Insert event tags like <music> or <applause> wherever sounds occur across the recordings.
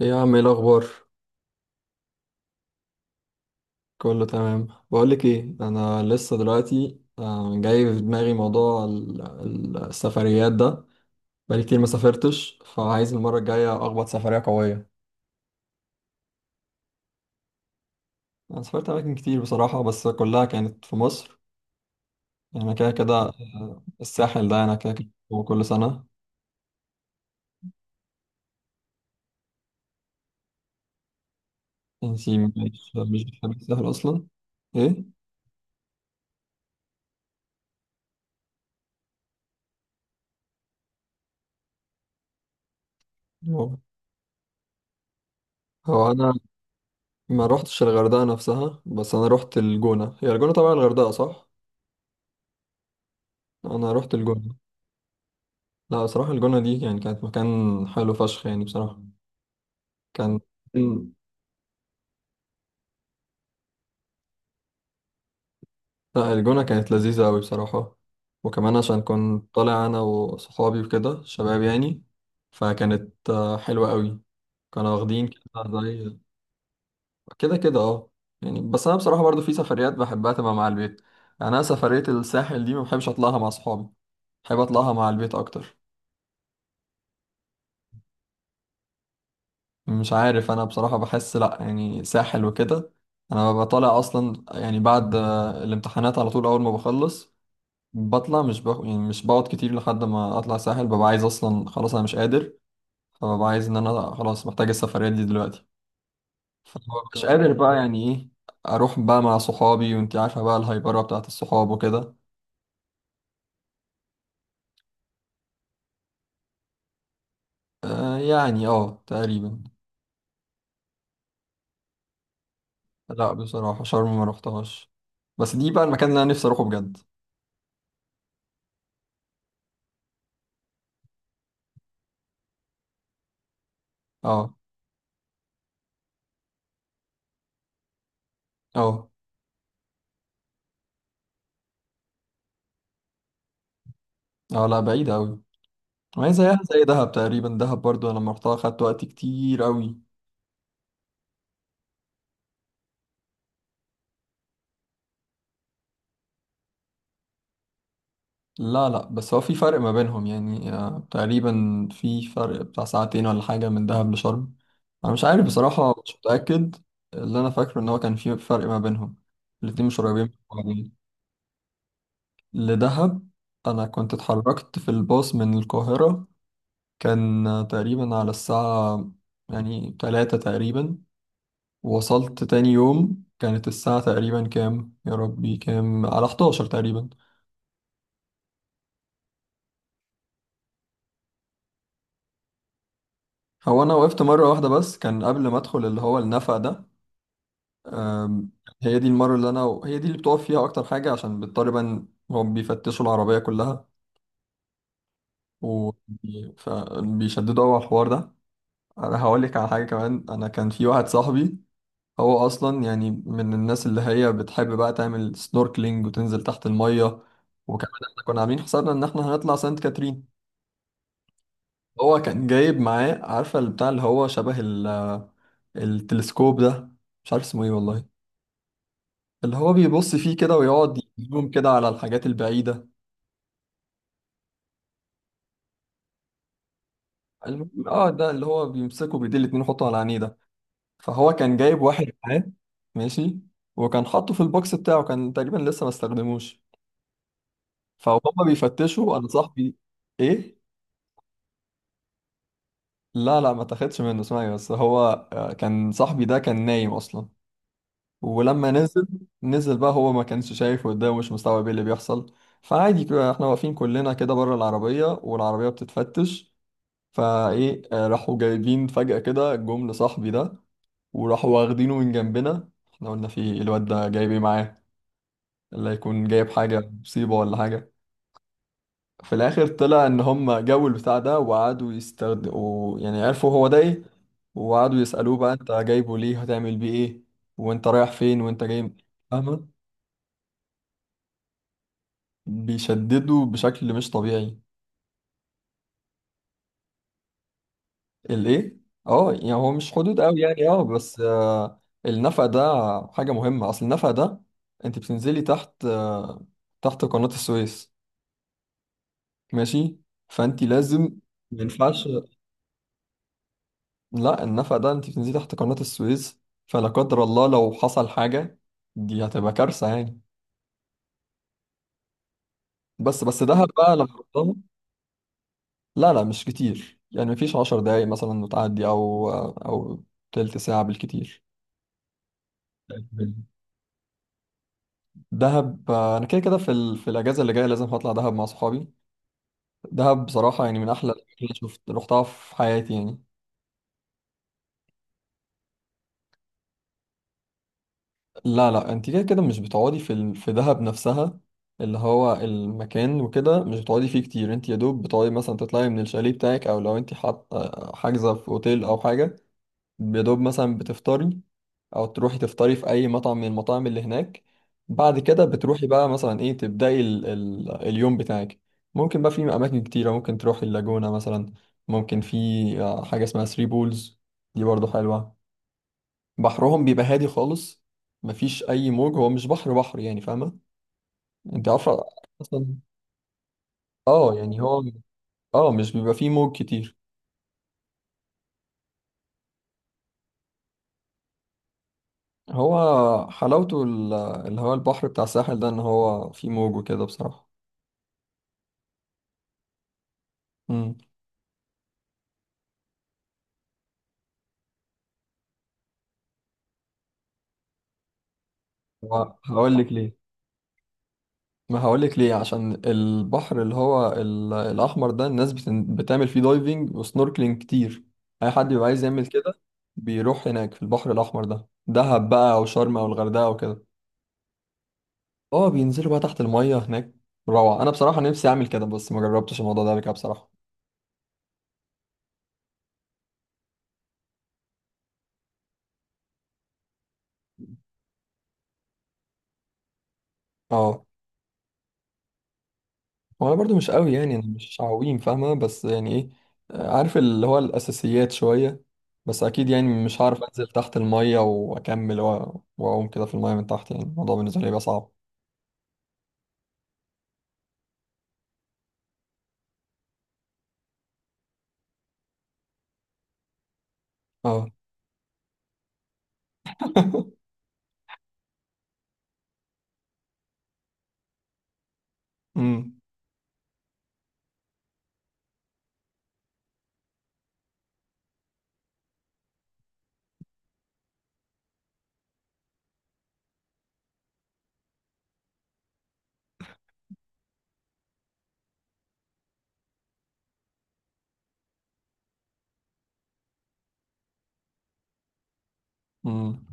ايه يا عم، ايه الاخبار؟ كله تمام. بقولك ايه، انا لسه دلوقتي جاي في دماغي موضوع السفريات ده. بقالي كتير ما سافرتش، فعايز المره الجايه اخبط سفريه قويه. انا سافرت اماكن كتير بصراحه، بس كلها كانت في مصر. انا كده كده، الساحل ده انا كده كده هو كل سنه. انتي مش بتحبي الساحل اصلا؟ ايه، هو هو انا ما روحتش الغردقه نفسها، بس انا روحت الجونه، هي الجونه طبعا الغردقه صح. انا روحت الجونه. لا بصراحة الجونة دي يعني كانت مكان حلو فشخ يعني بصراحة. كان، مم. لا الجونة كانت لذيذة أوي بصراحة. وكمان عشان كنت طالع أنا وصحابي وكده، شباب يعني. فكانت حلوة أوي. كانوا واخدين كده زي كده كده، اه. يعني بس أنا بصراحة برضو في سفريات بحبها تبقى مع البيت، يعني أنا سفرية الساحل دي ما بحبش أطلعها مع صحابي، بحب أطلعها مع البيت أكتر. مش عارف، انا بصراحة بحس لا، يعني ساحل وكده، انا ببقى طالع اصلا يعني بعد الامتحانات على طول، اول ما بخلص بطلع. مش بق... يعني مش بقعد كتير لحد ما اطلع ساحل، ببقى عايز اصلا خلاص انا مش قادر، فببقى عايز ان انا خلاص محتاج السفرية دي دلوقتي. فمش بالظبط قادر بقى يعني ايه، اروح بقى مع صحابي، وانت عارفة بقى الهايبرة بتاعت الصحاب وكده. آه، يعني اه تقريبا. لا بصراحة شرم ما رحتهاش، بس دي بقى المكان اللي انا نفسي اروحه بجد. اه، اه، اه، لا بعيد قوي. ما هي زيها زي دهب تقريبا، دهب برضو أنا لما رحتها خدت وقت كتير أوي. لا، لا، بس هو في فرق ما بينهم يعني تقريبا في فرق بتاع ساعتين ولا حاجة من دهب لشرم. أنا مش عارف بصراحة، مش متأكد. اللي أنا فاكره إن هو كان في فرق ما بينهم، الاتنين مش قريبين من بعضين. لدهب، أنا كنت اتحركت في الباص من القاهرة، كان تقريبا على الساعة يعني 3 تقريبا. وصلت تاني يوم كانت الساعة تقريبا كام يا ربي؟ كام؟ على 11 تقريبا. هو أنا وقفت مرة واحدة بس، كان قبل ما أدخل اللي هو النفق ده. أم، هي دي المرة اللي أنا هي دي اللي بتقف فيها أكتر حاجة، عشان بيضطر بقى إن هم بيفتشوا العربية كلها، وبيشددوا أوي على الحوار ده. أنا هقولك على حاجة كمان، أنا كان في واحد صاحبي هو أصلا يعني من الناس اللي هي بتحب بقى تعمل سنوركلينج وتنزل تحت المية. وكمان احنا كنا عاملين حسابنا إن احنا هنطلع سانت كاترين. هو كان جايب معاه، عارفة اللي بتاع اللي هو شبه ال، التلسكوب ده، مش عارف اسمه ايه والله، اللي هو بيبص فيه كده ويقعد يزوم كده على الحاجات البعيدة. اه ده اللي هو بيمسكه بإيديه الاتنين، يحطه على عينيه ده. فهو كان جايب واحد معاه، ماشي. وكان حاطه في البوكس بتاعه، كان تقريبا لسه ما استخدموش. فهما بيفتشوا انا صاحبي، ايه، لا، لا، ما تاخدش منه، اسمعي بس، هو كان صاحبي ده كان نايم اصلا. ولما نزل بقى هو ما كانش شايف قدامه، مش مستوعب ايه اللي بيحصل. فعادي كده احنا واقفين كلنا كده بره العربية، والعربية بتتفتش، فايه راحوا جايبين فجأة كده جم لصاحبي ده، وراحوا واخدينه من جنبنا. احنا قلنا في إيه؟ الواد ده جايب ايه معاه؟ اللي هيكون جايب حاجة مصيبة ولا حاجة. في الآخر طلع إن هم جابوا البتاع ده وقعدوا يستخدموا، يعني عرفوا هو ده ايه، وقعدوا يسألوه بقى انت جايبه ليه؟ هتعمل بيه ايه؟ وانت رايح فين، وانت جاي؟ فاهمة، بيشددوا بشكل مش طبيعي. الايه، اه يعني هو مش حدود قوي يعني، اه بس آه النفق ده حاجة مهمة. اصل النفق ده انت بتنزلي تحت، تحت قناة السويس، ماشي، فانت لازم، ما ينفعش. لا النفق ده انت بتنزلي تحت قناة السويس، فلا قدر الله لو حصل حاجة دي هتبقى كارثة يعني. بس دهب بقى لما رحتها، لا، لا، مش كتير يعني، مفيش 10 دقايق مثلا وتعدي، او او تلت ساعة بالكتير. دهب، انا كده كده في الاجازه اللي جايه لازم هطلع دهب مع صحابي. دهب بصراحه يعني من احلى الاماكن اللي شفت رحتها في حياتي يعني. لا، لا، انت كده كده مش بتقعدي في دهب نفسها، اللي هو المكان وكده مش بتقعدي فيه كتير. انت يا دوب بتقعدي مثلا تطلعي من الشاليه بتاعك، او لو انت حاط حاجزه في اوتيل او حاجه، يا دوب مثلا بتفطري، او تروحي تفطري في اي مطعم من المطاعم اللي هناك. بعد كده بتروحي بقى مثلا ايه، تبداي ال اليوم بتاعك. ممكن بقى في اماكن كتيره، ممكن تروحي اللاجونه مثلا. ممكن في حاجه اسمها ثري بولز، دي برضو حلوه. بحرهم بيبقى هادي خالص، مفيش اي موج، هو مش بحر بحر يعني، فاهمه انت، عارفه اصلا، اه يعني هو، اه مش بيبقى فيه موج كتير. هو حلاوته اللي هو البحر بتاع الساحل ده ان هو فيه موج وكده بصراحه. امم هقول لك ليه، ما هقولك ليه عشان البحر اللي هو الأحمر ده الناس بتعمل فيه دايفنج وسنوركلينج كتير، أي حد بيبقى عايز يعمل كده بيروح هناك في البحر الأحمر ده، دهب بقى أو شرم أو الغردقة أو كده. اه بينزلوا بقى تحت المية هناك، روعة. أنا بصراحة نفسي أعمل كده بس ما جربتش الموضوع ده قبل كده بصراحة. اه. هو أنا برضو مش قوي يعني، أنا مش عويم فاهمة، بس يعني إيه، عارف اللي هو الأساسيات شوية، بس أكيد يعني مش هعرف أنزل تحت المية وأكمل وأقوم كده في المية من تحت، يعني الموضوع بالنسبة لي بقى صعب. اه. <laughs> امم، امم،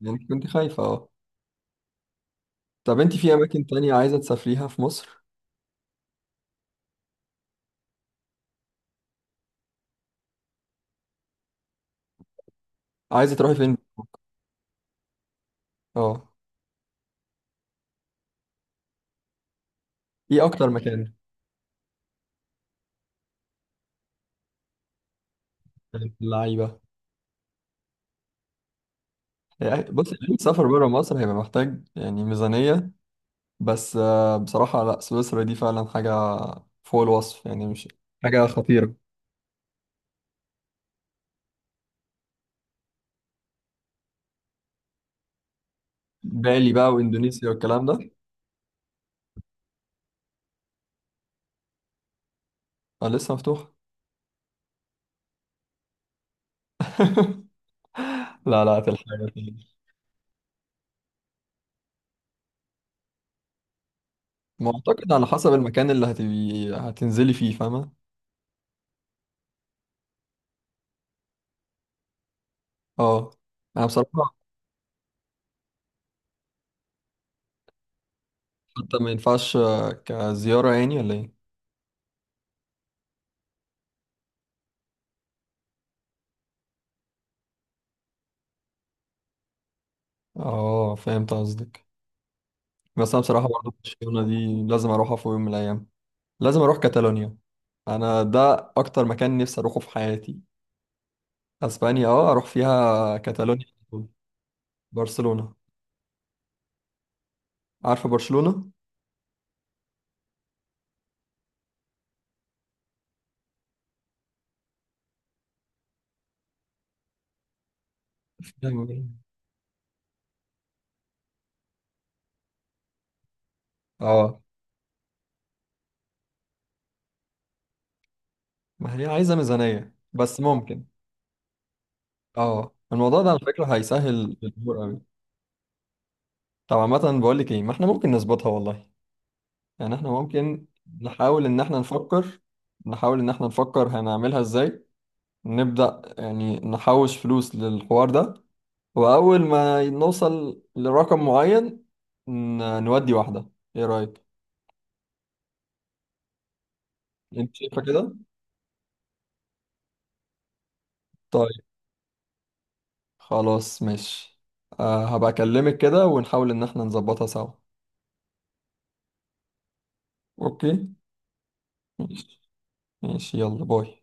يعني كنت خايفة اه؟ طب انت في اماكن تانية عايزة تسافريها في مصر؟ عايزة تروحي فين؟ اه، ايه اكتر مكان؟ اللعيبة. يعني بصي اي سفر بره مصر هيبقى محتاج يعني ميزانية، بس بصراحة لا سويسرا دي فعلا حاجة فوق الوصف يعني، مش حاجة خطيرة. بالي بقى واندونيسيا والكلام ده لسه مفتوح. لا، لا، هتلحقي. ما اعتقد على حسب المكان اللي هتبي هتنزلي فيه، فاهمة؟ اه. انا بصراحة، حتى ما ينفعش كزيارة يعني ولا ايه؟ اه فهمت قصدك. بس انا بصراحة برضه برشلونة دي لازم اروحها في يوم من الايام، لازم اروح كاتالونيا. انا ده اكتر مكان نفسي اروحه في حياتي. اسبانيا اه، اروح فيها كاتالونيا على طول. برشلونة. عارفة برشلونة؟ فيها- اه ما هي عايزة ميزانية، بس ممكن. اه الموضوع ده على فكرة هيسهل الامور قوي. طب عامة بقول لك ايه، ما احنا ممكن نظبطها والله. يعني احنا ممكن نحاول ان احنا نفكر نحاول ان احنا نفكر هنعملها ازاي. نبدأ يعني نحوش فلوس للحوار ده، واول ما نوصل لرقم معين نودي واحدة. ايه رأيك؟ انت شايفة كده؟ طيب، خلاص ماشي. أه، هبقى اكلمك كده ونحاول ان احنا نظبطها سوا. اوكي، ماشي ماشي، يلا باي.